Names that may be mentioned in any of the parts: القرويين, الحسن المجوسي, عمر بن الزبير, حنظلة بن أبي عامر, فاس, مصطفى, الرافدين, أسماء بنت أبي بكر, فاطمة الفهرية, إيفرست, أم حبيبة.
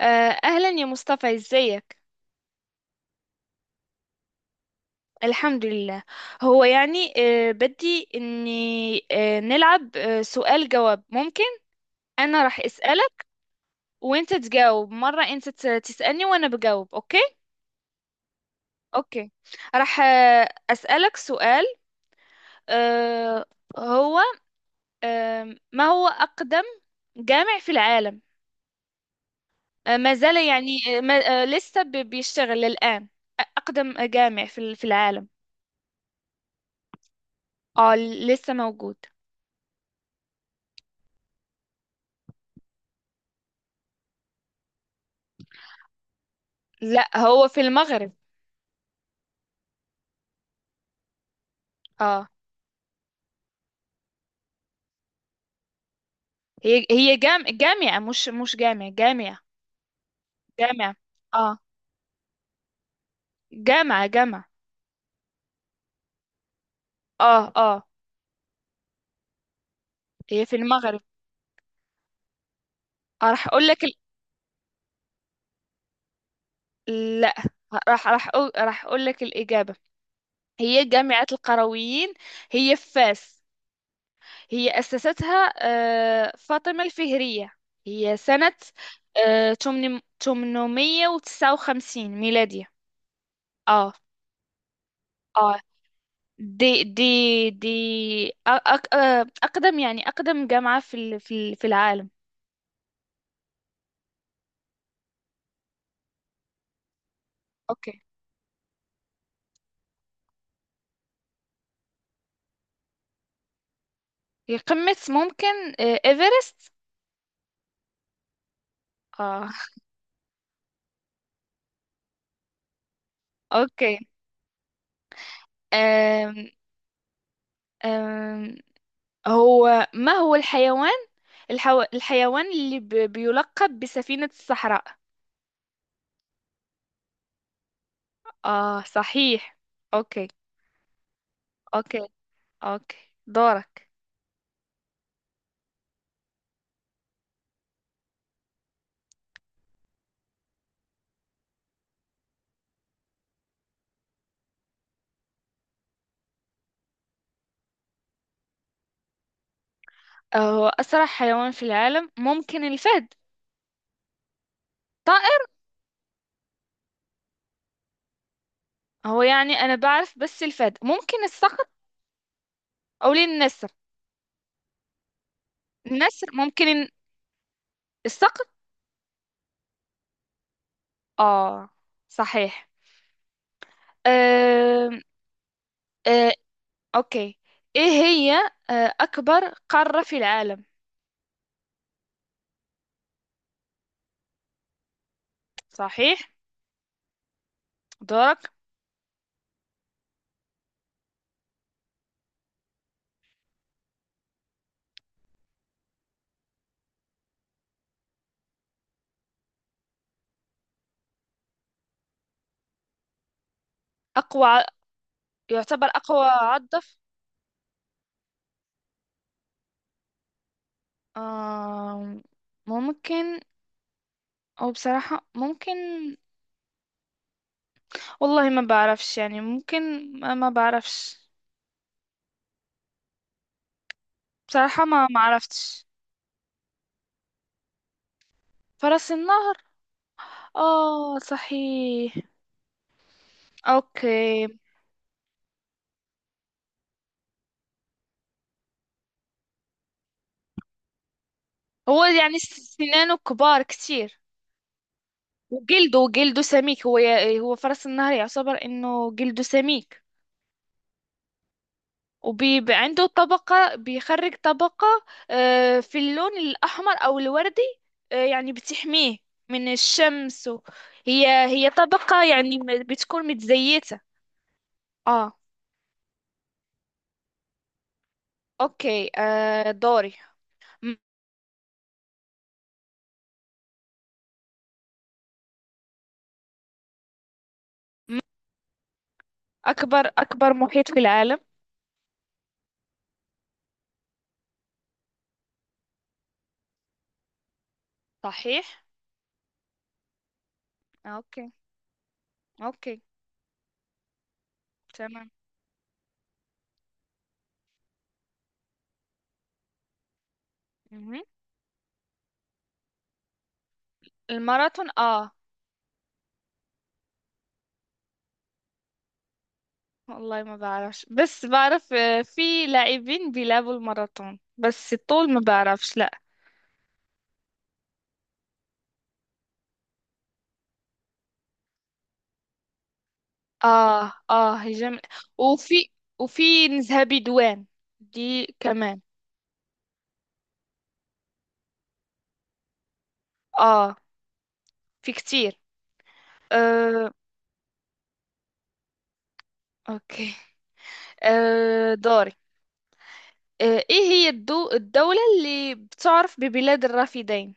أهلا يا مصطفى ازيك؟ الحمد لله. هو يعني، بدي إني نلعب، سؤال جواب ممكن؟ أنا راح أسألك وأنت تجاوب، مرة أنت تسألني وأنا بجاوب، أوكي؟ أوكي. راح أسألك سؤال. آه، هو آه، ما هو أقدم جامع في العالم؟ ما زال يعني، آه، ما آه، لسه بيشتغل الآن؟ أقدم جامع في العالم. آه، لسه موجود. لا، هو في المغرب. اه، هي جامعة، مش جامعة جامعة. جامعة، اه، جامعة جامعة. اه اه. هي في المغرب. آه، راح اقول لك ال... لا، راح أقول... راح اقول لك الإجابة. هي جامعة القرويين، هي في فاس. هي أسستها آه فاطمة الفهرية. هي سنة آه 800 859 ميلادية. اه اه. دي دي دي أ- أك أ- أقدم يعني، أقدم جامعة في العالم. أوكي. هي قمة ممكن، آه، إيفرست. آه. أوكي. أم، أم، هو ما هو الحيوان، الحيوان اللي بيلقب بسفينة الصحراء؟ آه، صحيح. أوكي، أوكي، أوكي. دورك. آه، هو أسرع حيوان في العالم ممكن الفهد. طائر؟ هو يعني أنا بعرف بس الفهد، ممكن الصقر أو النسر. نسر، ممكن الصقر. اه صحيح. آه آه. اوكي، ايه هي، آه، اكبر قارة في العالم؟ صحيح. دورك. اقوى ع- يعتبر اقوى عضف، آه، ممكن، او بصراحة ممكن، والله ما بعرفش يعني، ممكن، ما بعرفش، بصراحة ما عرفتش. فرس النهر؟ اه صحيح. اوكي. هو يعني سنانه كبار كتير. وجلده سميك، هو هو فرس النهر يعتبر انه جلده سميك. وبيبقى عنده طبقة، بيخرج طبقة، آه، في اللون الأحمر أو الوردي، آه، يعني بتحميه من الشمس، و... هي طبقة يعني بتكون متزيتة. اه. اوكي، آه، دوري. م- أكبر محيط في العالم؟ صحيح. اوكي، اوكي، تمام. مهم. الماراثون، اه، والله ما بعرفش، بس بعرف آه، في لاعبين بيلعبوا الماراثون، بس الطول ما بعرفش، لا. اه اه، هجم. وفي، وفي نزهة بدوان، دي كمان. اه، في كتير. آه. اوكي، آه، دوري. آه، ايه هي الدولة اللي بتعرف ببلاد الرافدين؟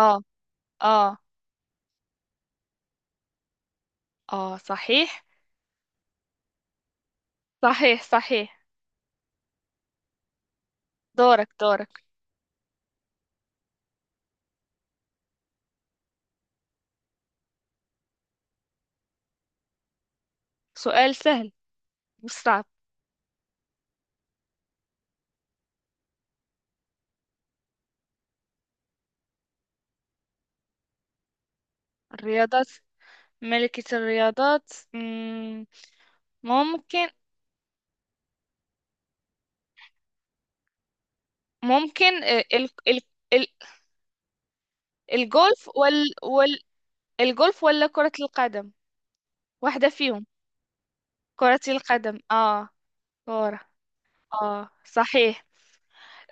اه. اه. اه صحيح، صحيح، صحيح. دورك، دورك. سؤال سهل، مش صعب. الرياضات، ملكة الرياضات، ممكن، ممكن، آه، ال ال ال الجولف وال وال الجولف ولا كرة القدم، واحدة فيهم. كرة القدم، اه، كرة. اه صحيح.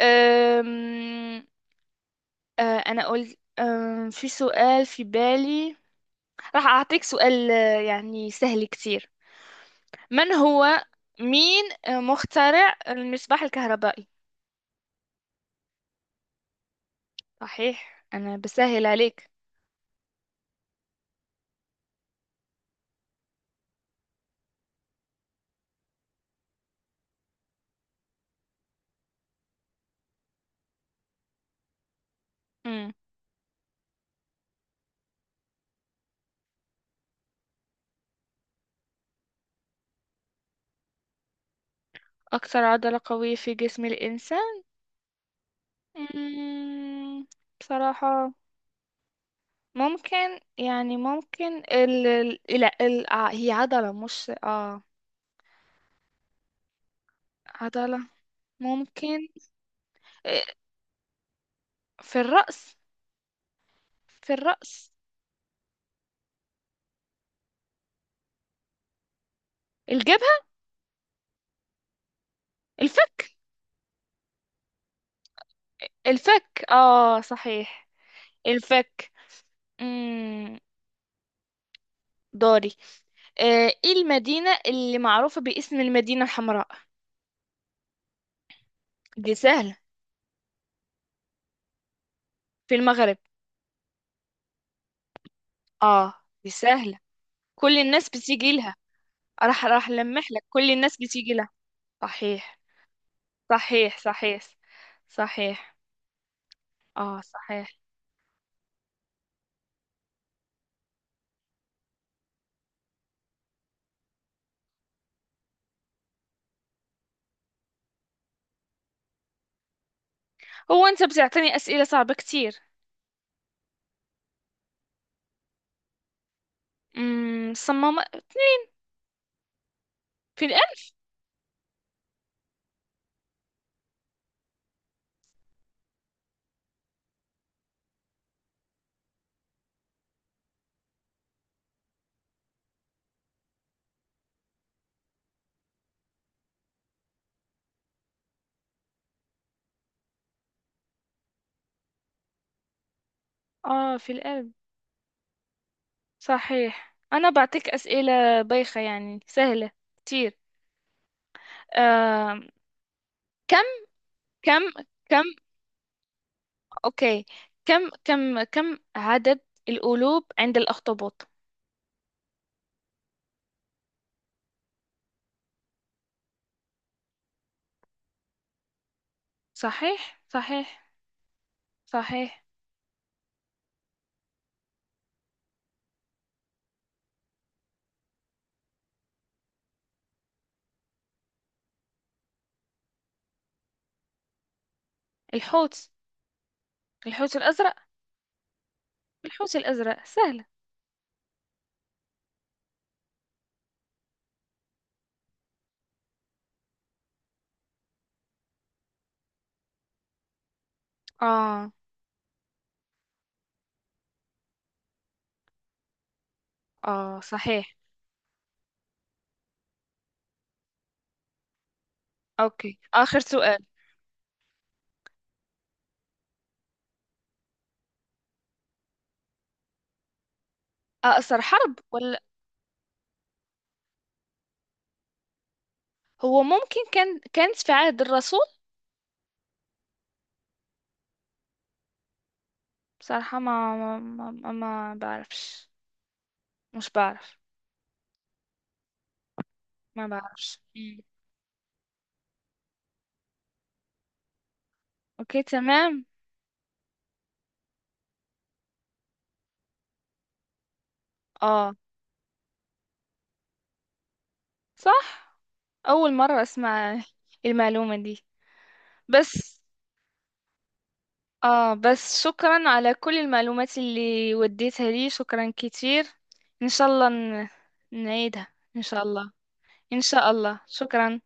أم... آه، انا قلت أم... في سؤال في بالي. راح اعطيك سؤال، آه، يعني سهل كتير. من هو، مين، آه، مخترع المصباح الكهربائي؟ صحيح، انا بسهل عليك. مم. اكثر عضلة قوية في جسم الانسان، مم، بصراحة، ممكن يعني، ممكن لا ال... آه، هي عضلة مش اه عضلة، ممكن، آه، في الرأس، في الرأس. الجبهة، الفك. الفك، اه صحيح. الفك. مم. دوري. آه، ايه المدينة اللي معروفة باسم المدينة الحمراء؟ دي سهلة، في المغرب. اه، دي سهلة، كل الناس بتيجي لها. راح لمح لك، كل الناس بتيجي لها. صحيح، صحيح، صحيح، صحيح. اه صحيح. هو انت بتعطيني اسئله صعبه كتير. امم، صمم في القلب؟ اه، في القلب. صحيح، انا بعطيك اسئله بايخه يعني، سهله كتير. آه. كم كم كم اوكي، كم عدد القلوب عند الاخطبوط؟ صحيح، صحيح، صحيح. الحوت، الحوت الازرق. الحوت الازرق، سهله. اه اه صحيح. اوكي، اخر سؤال. آه، أثر حرب، ولا، هو ممكن كان، كانت في عهد الرسول. بصراحة ما بعرفش، مش بعرف، ما بعرفش. مم. أوكي، تمام. آه، صح. أول مرة أسمع المعلومة دي. بس، آه، بس شكرا على كل المعلومات اللي وديتها لي، شكرا كتير. إن شاء الله نعيدها إن شاء الله، إن شاء الله. شكرا.